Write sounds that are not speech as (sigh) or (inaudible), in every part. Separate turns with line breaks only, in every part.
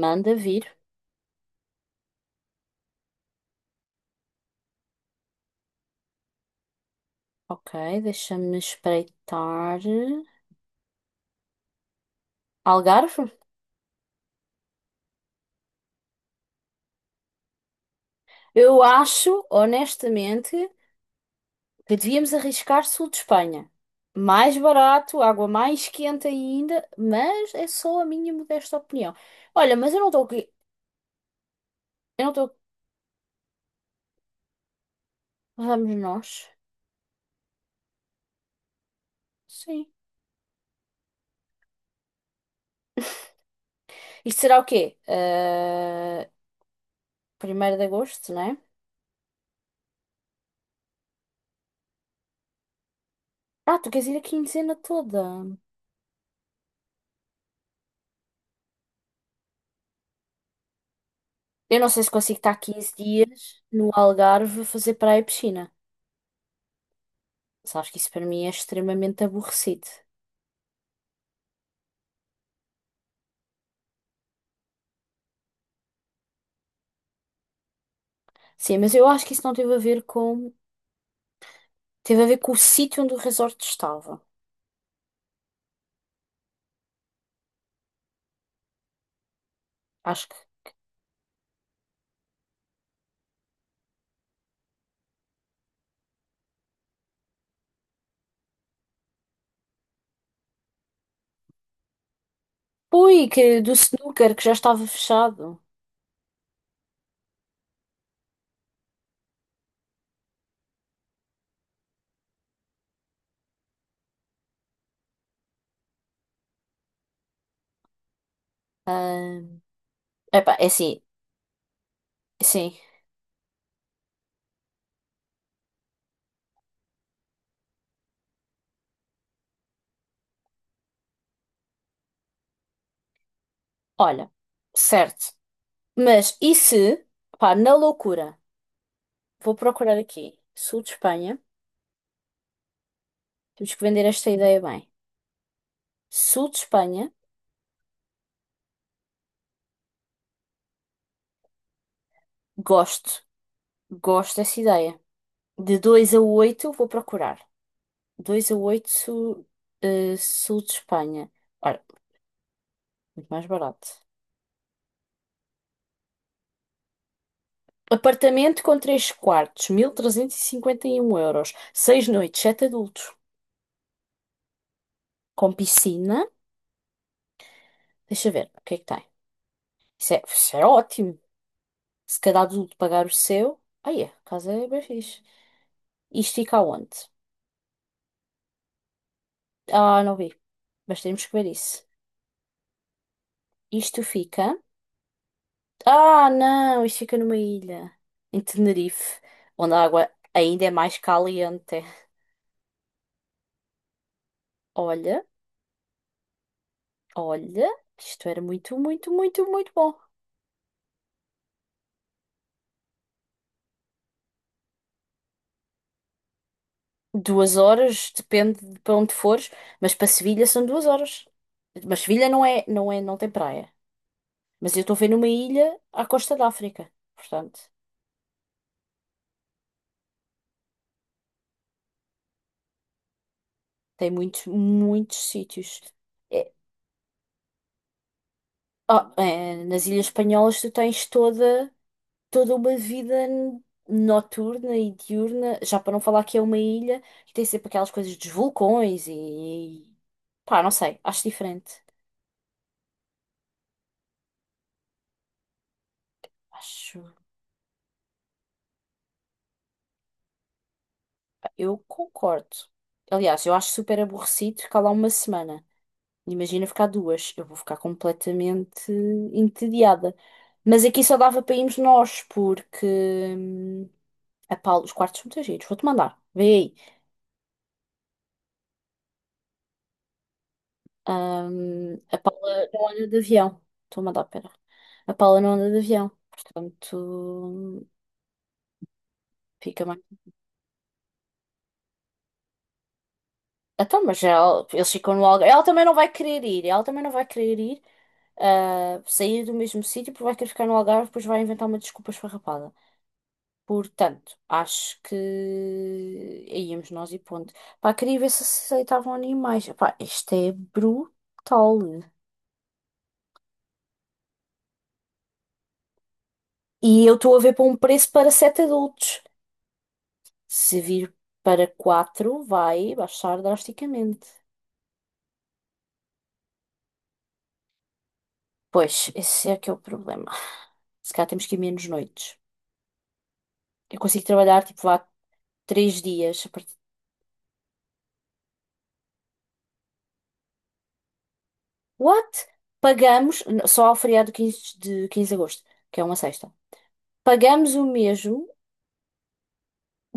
Manda vir. Ok, deixa-me espreitar. Algarve? Eu acho, honestamente, que devíamos arriscar sul de Espanha. Mais barato, água mais quente ainda, mas é só a minha modesta opinião. Olha, mas eu não estou aqui. Eu não estou. Vamos nós? Sim. (laughs) Isto será o quê? Ah, 1 de agosto, não é? Ah, tu queres ir a quinzena toda. Eu não sei se consigo estar 15 dias no Algarve a fazer praia e piscina. Sabes que isso para mim é extremamente aborrecido. Sim, mas eu acho que isso não teve a ver com. Teve a ver com o sítio onde o resort estava. Acho que. Ui, que do snooker que já estava fechado. Ah, epá, é assim, sim. Olha, certo. Mas e se, pá, na loucura, vou procurar aqui. Sul de Espanha. Temos que vender esta ideia bem. Sul de Espanha, gosto. Gosto dessa ideia. De 2 a 8 vou procurar. Dois a 8 sul de Espanha. Ora, muito mais barato. Apartamento com 3 quartos, mil trezentos e cinquenta e um euros. 6 noites, 7 adultos. Com piscina. Deixa ver, o que é que tem? Isso é ótimo. Se cada adulto pagar o seu. Aí é, a casa é bem fixe. Isto fica aonde? Ah, não vi. Mas temos que ver isso. Isto fica. Ah, não, isto fica numa ilha. Em Tenerife, onde a água ainda é mais caliente. Olha. Olha, isto era muito, muito, muito, muito bom. 2 horas, depende de para onde fores, mas para Sevilha são 2 horas. Mas Sevilha não é, não é, não tem praia. Mas eu estou a ver numa ilha à costa da África. Portanto, tem muitos, muitos sítios. É- ah, é, nas Ilhas Espanholas tu tens toda uma vida noturna e diurna, já para não falar que é uma ilha, que tem sempre aquelas coisas dos vulcões e pá, não sei, acho diferente. Acho. Eu concordo. Aliás, eu acho super aborrecido ficar lá uma semana. Imagina ficar duas. Eu vou ficar completamente entediada. Mas aqui só dava para irmos nós, porque hum, a Paula, os quartos são muito giros. Vou-te mandar. Vê aí. A Paula não anda de avião. Estou a mandar, pera. A Paula não anda de avião. Portanto, fica mais. Então, mas ela, eles ficam no Algarve. Ela também não vai querer ir. Ela também não vai querer ir, ah, sair do mesmo sítio, porque vai querer ficar no Algarve, depois vai inventar uma desculpa esfarrapada. Portanto, acho que aí íamos nós e ponto. Pá, queria ver se aceitavam animais. Pá, isto é brutal. E eu estou a ver para um preço para sete adultos. Se vir para quatro, vai baixar drasticamente. Pois, esse é que é o problema. Se calhar temos que ir menos noites. Eu consigo trabalhar tipo vá 3 dias. What? Pagamos, só ao feriado quinze de agosto, que é uma sexta. Pagamos o mesmo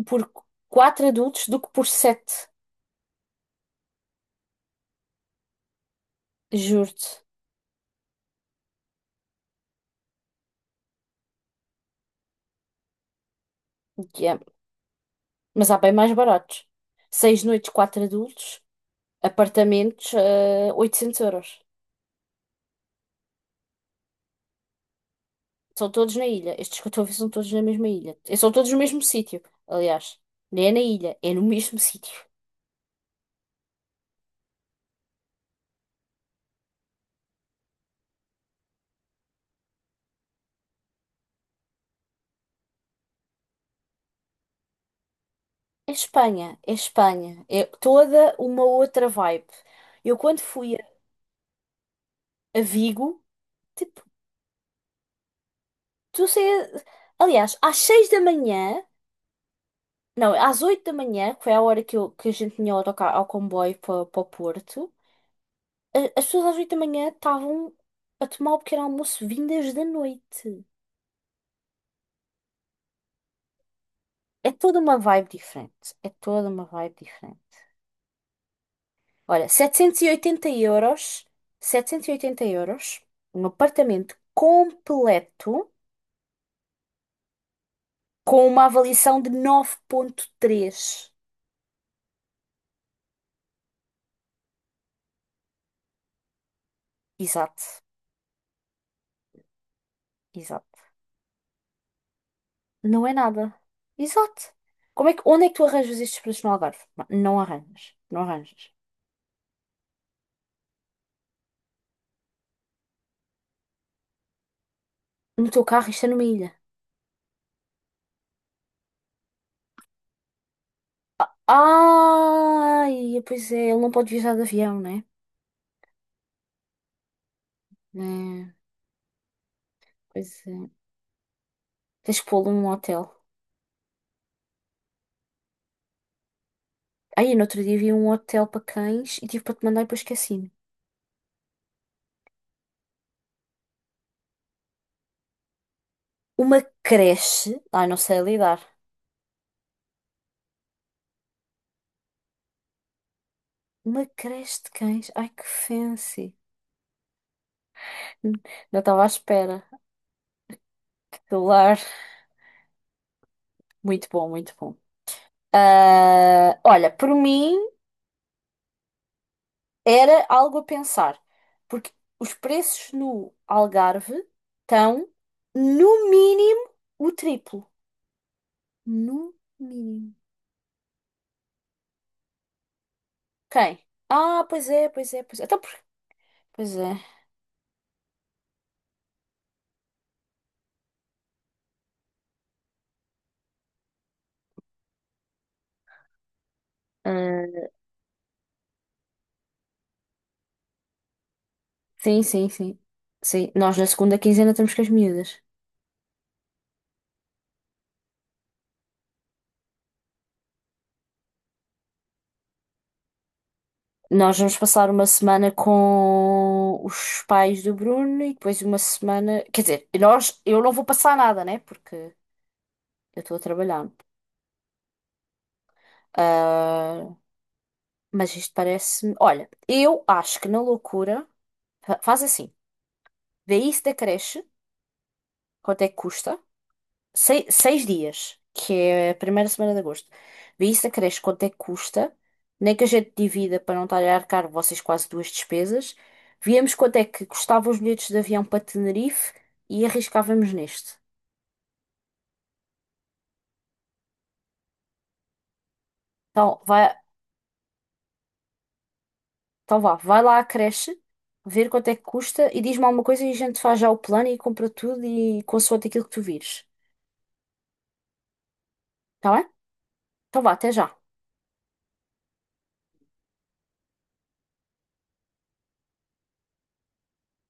por quatro adultos do que por sete. Juro-te. Yeah. Mas há bem mais baratos. 6 noites, quatro adultos, apartamentos, 800 euros. São todos na ilha. Estes que eu estou a ver são todos na mesma ilha. E são todos no mesmo sítio, aliás. Nem é na ilha, é no mesmo sítio. É Espanha, é Espanha. É toda uma outra vibe. Eu quando fui a Vigo, tipo, tu sei, aliás, às 6 da manhã, não, às 8 da manhã, que foi a hora que a gente tinha o autocarro ao comboio para o Porto, as pessoas às 8 da manhã estavam a tomar o pequeno almoço vindas da noite. É toda uma vibe diferente. É toda uma vibe diferente. Olha, 780 euros, 780 euros, um apartamento completo com uma avaliação de 9.3. Exato, exato. Não é nada. Exato. Como é que, onde é que tu arranjas estes preços no Algarve? Não arranjas. Não arranjas. No teu carro, isto é numa ilha. Ai, pois é, ele não pode viajar de avião, né? É, pois é. Tens que pô-lo num hotel. Aí, no outro dia vi um hotel para cães e tive para te mandar e depois esqueci-me. Uma creche. Ai, não sei lidar. Uma creche de cães. Ai, que fancy. Não estava à espera. Que lar. Muito bom, muito bom. Ah, olha, por mim. Era algo a pensar, porque os preços no Algarve estão, no mínimo, o triplo. No mínimo. Quem? Ah, pois é, pois é, pois é. Então, pois é. Ah, sim, sim, sim. Sim, nós na segunda quinzena estamos com as miúdas. Nós vamos passar uma semana com os pais do Bruno e depois uma semana. Quer dizer, nós, eu não vou passar nada, né? Porque eu estou a trabalhar. Ah, mas isto parece-me. Olha, eu acho que na loucura. Faz assim. Vê isso da creche. Quanto é que custa? 6 dias, que é a primeira semana de agosto. Vê isso da creche. Quanto é que custa? Nem que a gente divida para não estar a arcar vocês quase duas despesas. Viemos quanto é que custavam os bilhetes de avião para Tenerife e arriscávamos neste. Então, vai, então vá, vai lá à creche, ver quanto é que custa e diz-me alguma coisa e a gente faz já o plano e compra tudo e consoante aquilo que tu vires. Tá bem? Então vá, até já.